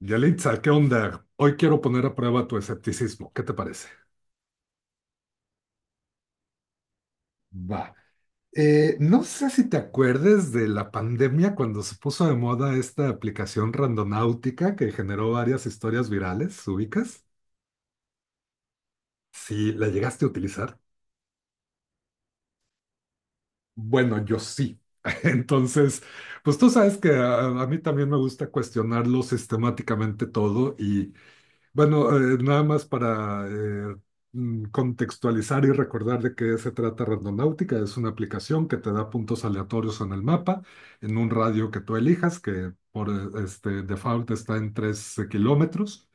Yalitza, ¿qué onda? Hoy quiero poner a prueba tu escepticismo. ¿Qué te parece? Va. No sé si te acuerdes de la pandemia cuando se puso de moda esta aplicación randonáutica que generó varias historias virales, ¿ubicas? Si la llegaste a utilizar. Bueno, yo sí. Entonces, pues tú sabes que a mí también me gusta cuestionarlo sistemáticamente todo y bueno, nada más para contextualizar y recordar de qué se trata Randonáutica. Es una aplicación que te da puntos aleatorios en el mapa, en un radio que tú elijas, que por default está en 3 kilómetros.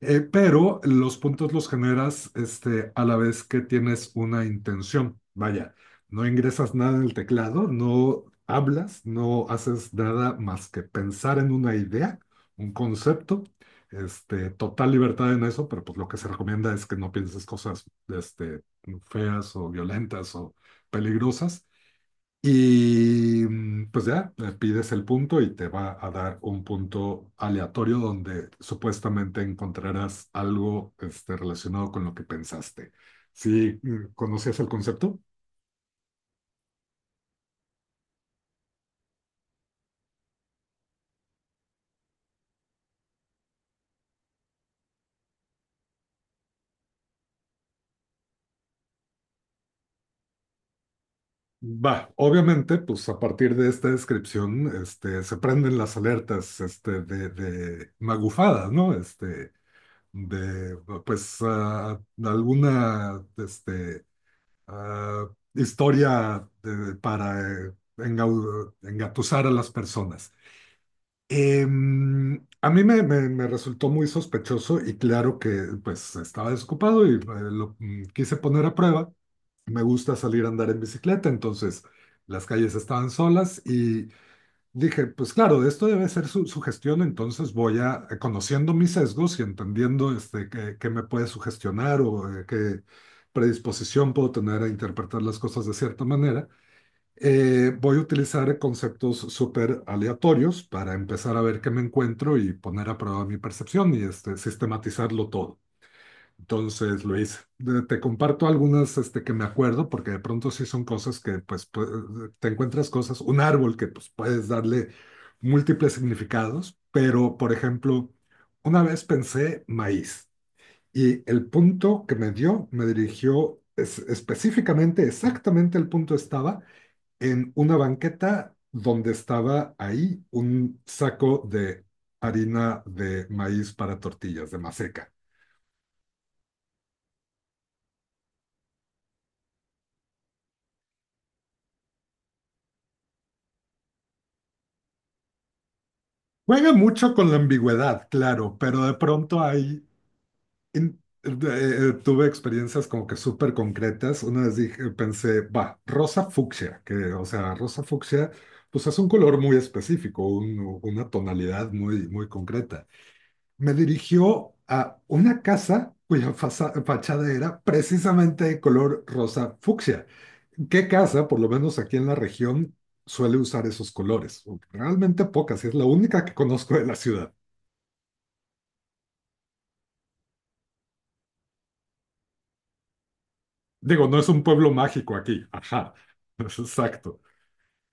Pero los puntos los generas a la vez que tienes una intención. Vaya, no ingresas nada en el teclado, no hablas, no haces nada más que pensar en una idea, un concepto. Total libertad en eso, pero pues lo que se recomienda es que no pienses cosas feas o violentas o peligrosas. Y pues ya, le pides el punto y te va a dar un punto aleatorio donde supuestamente encontrarás algo relacionado con lo que pensaste. ¿Si conocías el concepto? Va, obviamente, pues a partir de esta descripción se prenden las alertas de magufadas, ¿no? Este, de pues ah, alguna este, ah, historia para engatusar a las personas. A mí me resultó muy sospechoso y claro que pues estaba desocupado y lo quise poner a prueba. Me gusta salir a andar en bicicleta, entonces las calles estaban solas y dije, pues claro, esto debe ser sugestión, entonces voy a, conociendo mis sesgos y entendiendo qué me puede sugestionar o qué predisposición puedo tener a interpretar las cosas de cierta manera, voy a utilizar conceptos súper aleatorios para empezar a ver qué me encuentro y poner a prueba mi percepción y sistematizarlo todo. Entonces, Luis, te comparto algunas que me acuerdo, porque de pronto sí son cosas que, pues, te encuentras cosas, un árbol que, pues, puedes darle múltiples significados, pero, por ejemplo, una vez pensé maíz y el punto que me dio me dirigió específicamente, exactamente el punto estaba en una banqueta donde estaba ahí un saco de harina de maíz para tortillas, de maseca. Juega mucho con la ambigüedad, claro, pero de pronto hay... tuve experiencias como que súper concretas. Una vez dije, pensé, va, rosa fucsia, que, o sea, rosa fucsia, pues es un color muy específico, una tonalidad muy, muy concreta. Me dirigió a una casa cuya fachada era precisamente de color rosa fucsia. ¿Qué casa, por lo menos aquí en la región, suele usar esos colores? Realmente pocas, y es la única que conozco de la ciudad. Digo, no es un pueblo mágico aquí. Ajá, exacto.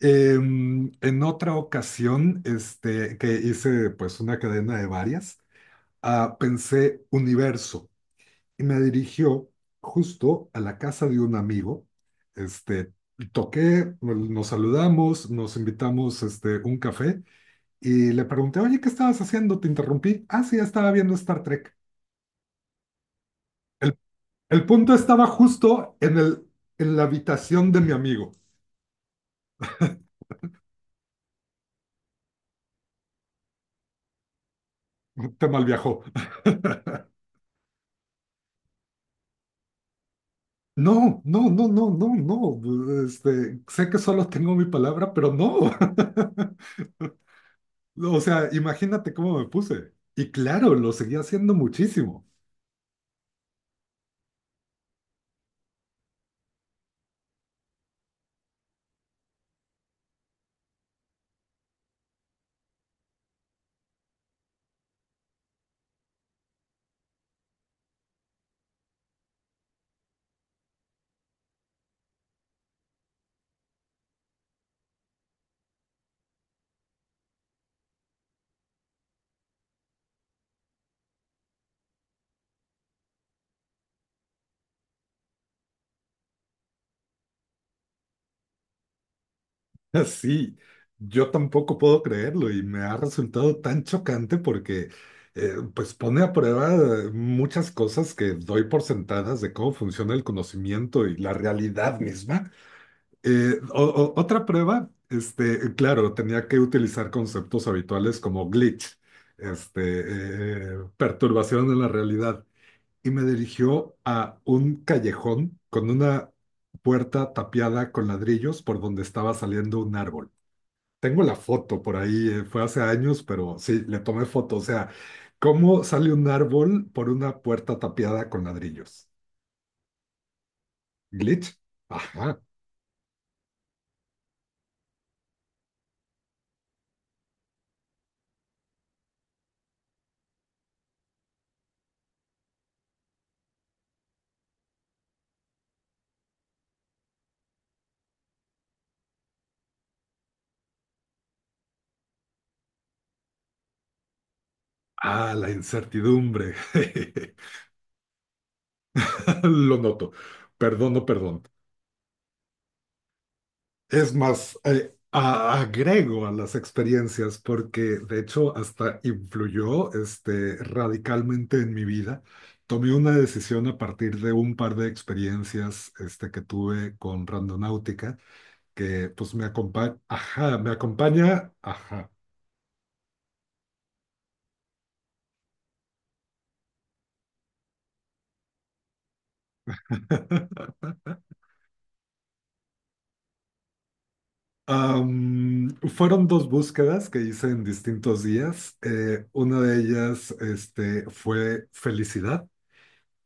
En otra ocasión, que hice pues una cadena de varias, pensé universo y me dirigió justo a la casa de un amigo. Este, Toqué, pues, nos saludamos, nos invitamos un café y le pregunté, oye, ¿qué estabas haciendo? Te interrumpí. Ah, sí, estaba viendo Star Trek. El, el punto estaba justo en el, en la habitación de mi amigo. Te mal viajó. No, no, no, no, no, no. Sé que solo tengo mi palabra, pero no. O sea, imagínate cómo me puse. Y claro, lo seguía haciendo muchísimo. Así, yo tampoco puedo creerlo y me ha resultado tan chocante porque, pues, pone a prueba muchas cosas que doy por sentadas de cómo funciona el conocimiento y la realidad misma. Otra prueba, claro, tenía que utilizar conceptos habituales como glitch, este, perturbación de la realidad, y me dirigió a un callejón con una puerta tapiada con ladrillos por donde estaba saliendo un árbol. Tengo la foto por ahí, fue hace años, pero sí, le tomé foto. O sea, ¿cómo sale un árbol por una puerta tapiada con ladrillos? ¿Glitch? Ajá. Ah, la incertidumbre. Lo noto. Perdón, no perdón. Es más, agrego a las experiencias porque de hecho hasta influyó radicalmente en mi vida. Tomé una decisión a partir de un par de experiencias que tuve con Randonáutica, que pues me acompaña, ajá, me acompaña, ajá. Fueron dos búsquedas que hice en distintos días. Una de ellas fue felicidad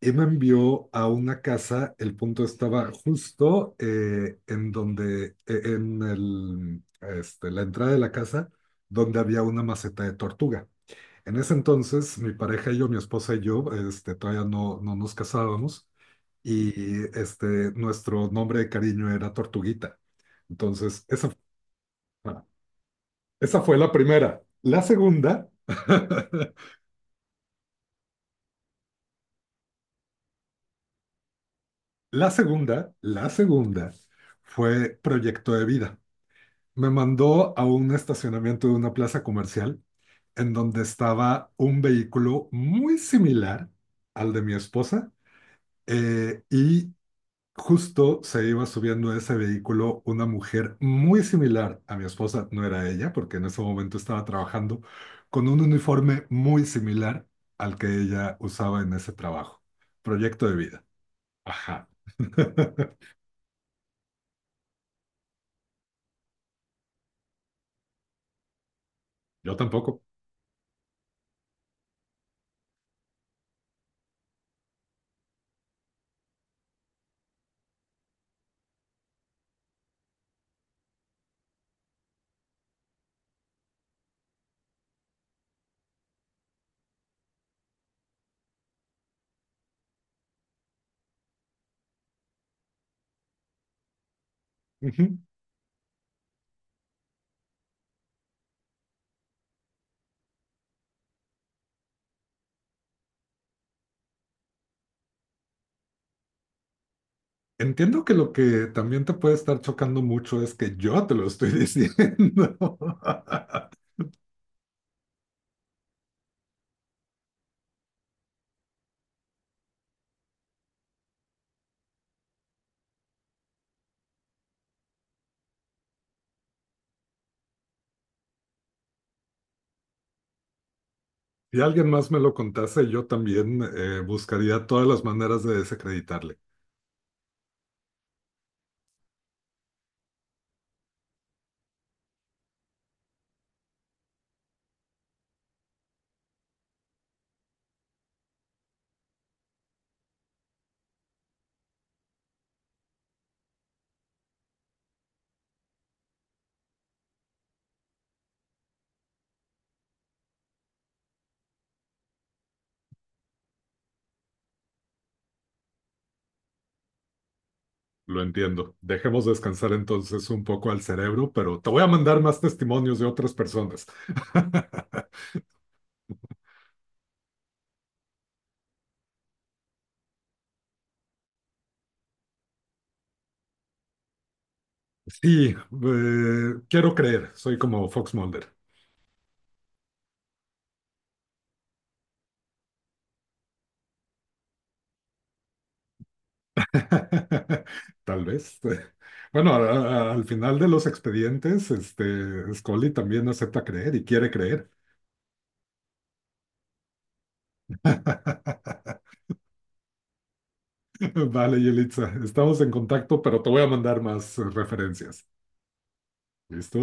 y me envió a una casa, el punto estaba justo en donde, en el, la entrada de la casa, donde había una maceta de tortuga. En ese entonces, mi pareja y yo, mi esposa y yo, todavía no, no nos casábamos y nuestro nombre de cariño era Tortuguita. Entonces, esa, ah, esa fue la primera. La segunda, la segunda fue Proyecto de Vida. Me mandó a un estacionamiento de una plaza comercial en donde estaba un vehículo muy similar al de mi esposa y justo se iba subiendo a ese vehículo una mujer muy similar a mi esposa, no era ella porque en ese momento estaba trabajando con un uniforme muy similar al que ella usaba en ese trabajo. Proyecto de vida. Ajá. Yo tampoco. Entiendo que lo que también te puede estar chocando mucho es que yo te lo estoy diciendo. Si alguien más me lo contase, yo también buscaría todas las maneras de desacreditarle. Lo entiendo. Dejemos descansar entonces un poco al cerebro, pero te voy a mandar más testimonios de otras personas. Sí, quiero creer, soy como Fox Mulder. Tal vez. Bueno, al final de los expedientes, Scully también acepta creer y quiere creer. Vale, Yelitza, estamos en contacto, pero te voy a mandar más referencias. ¿Listo?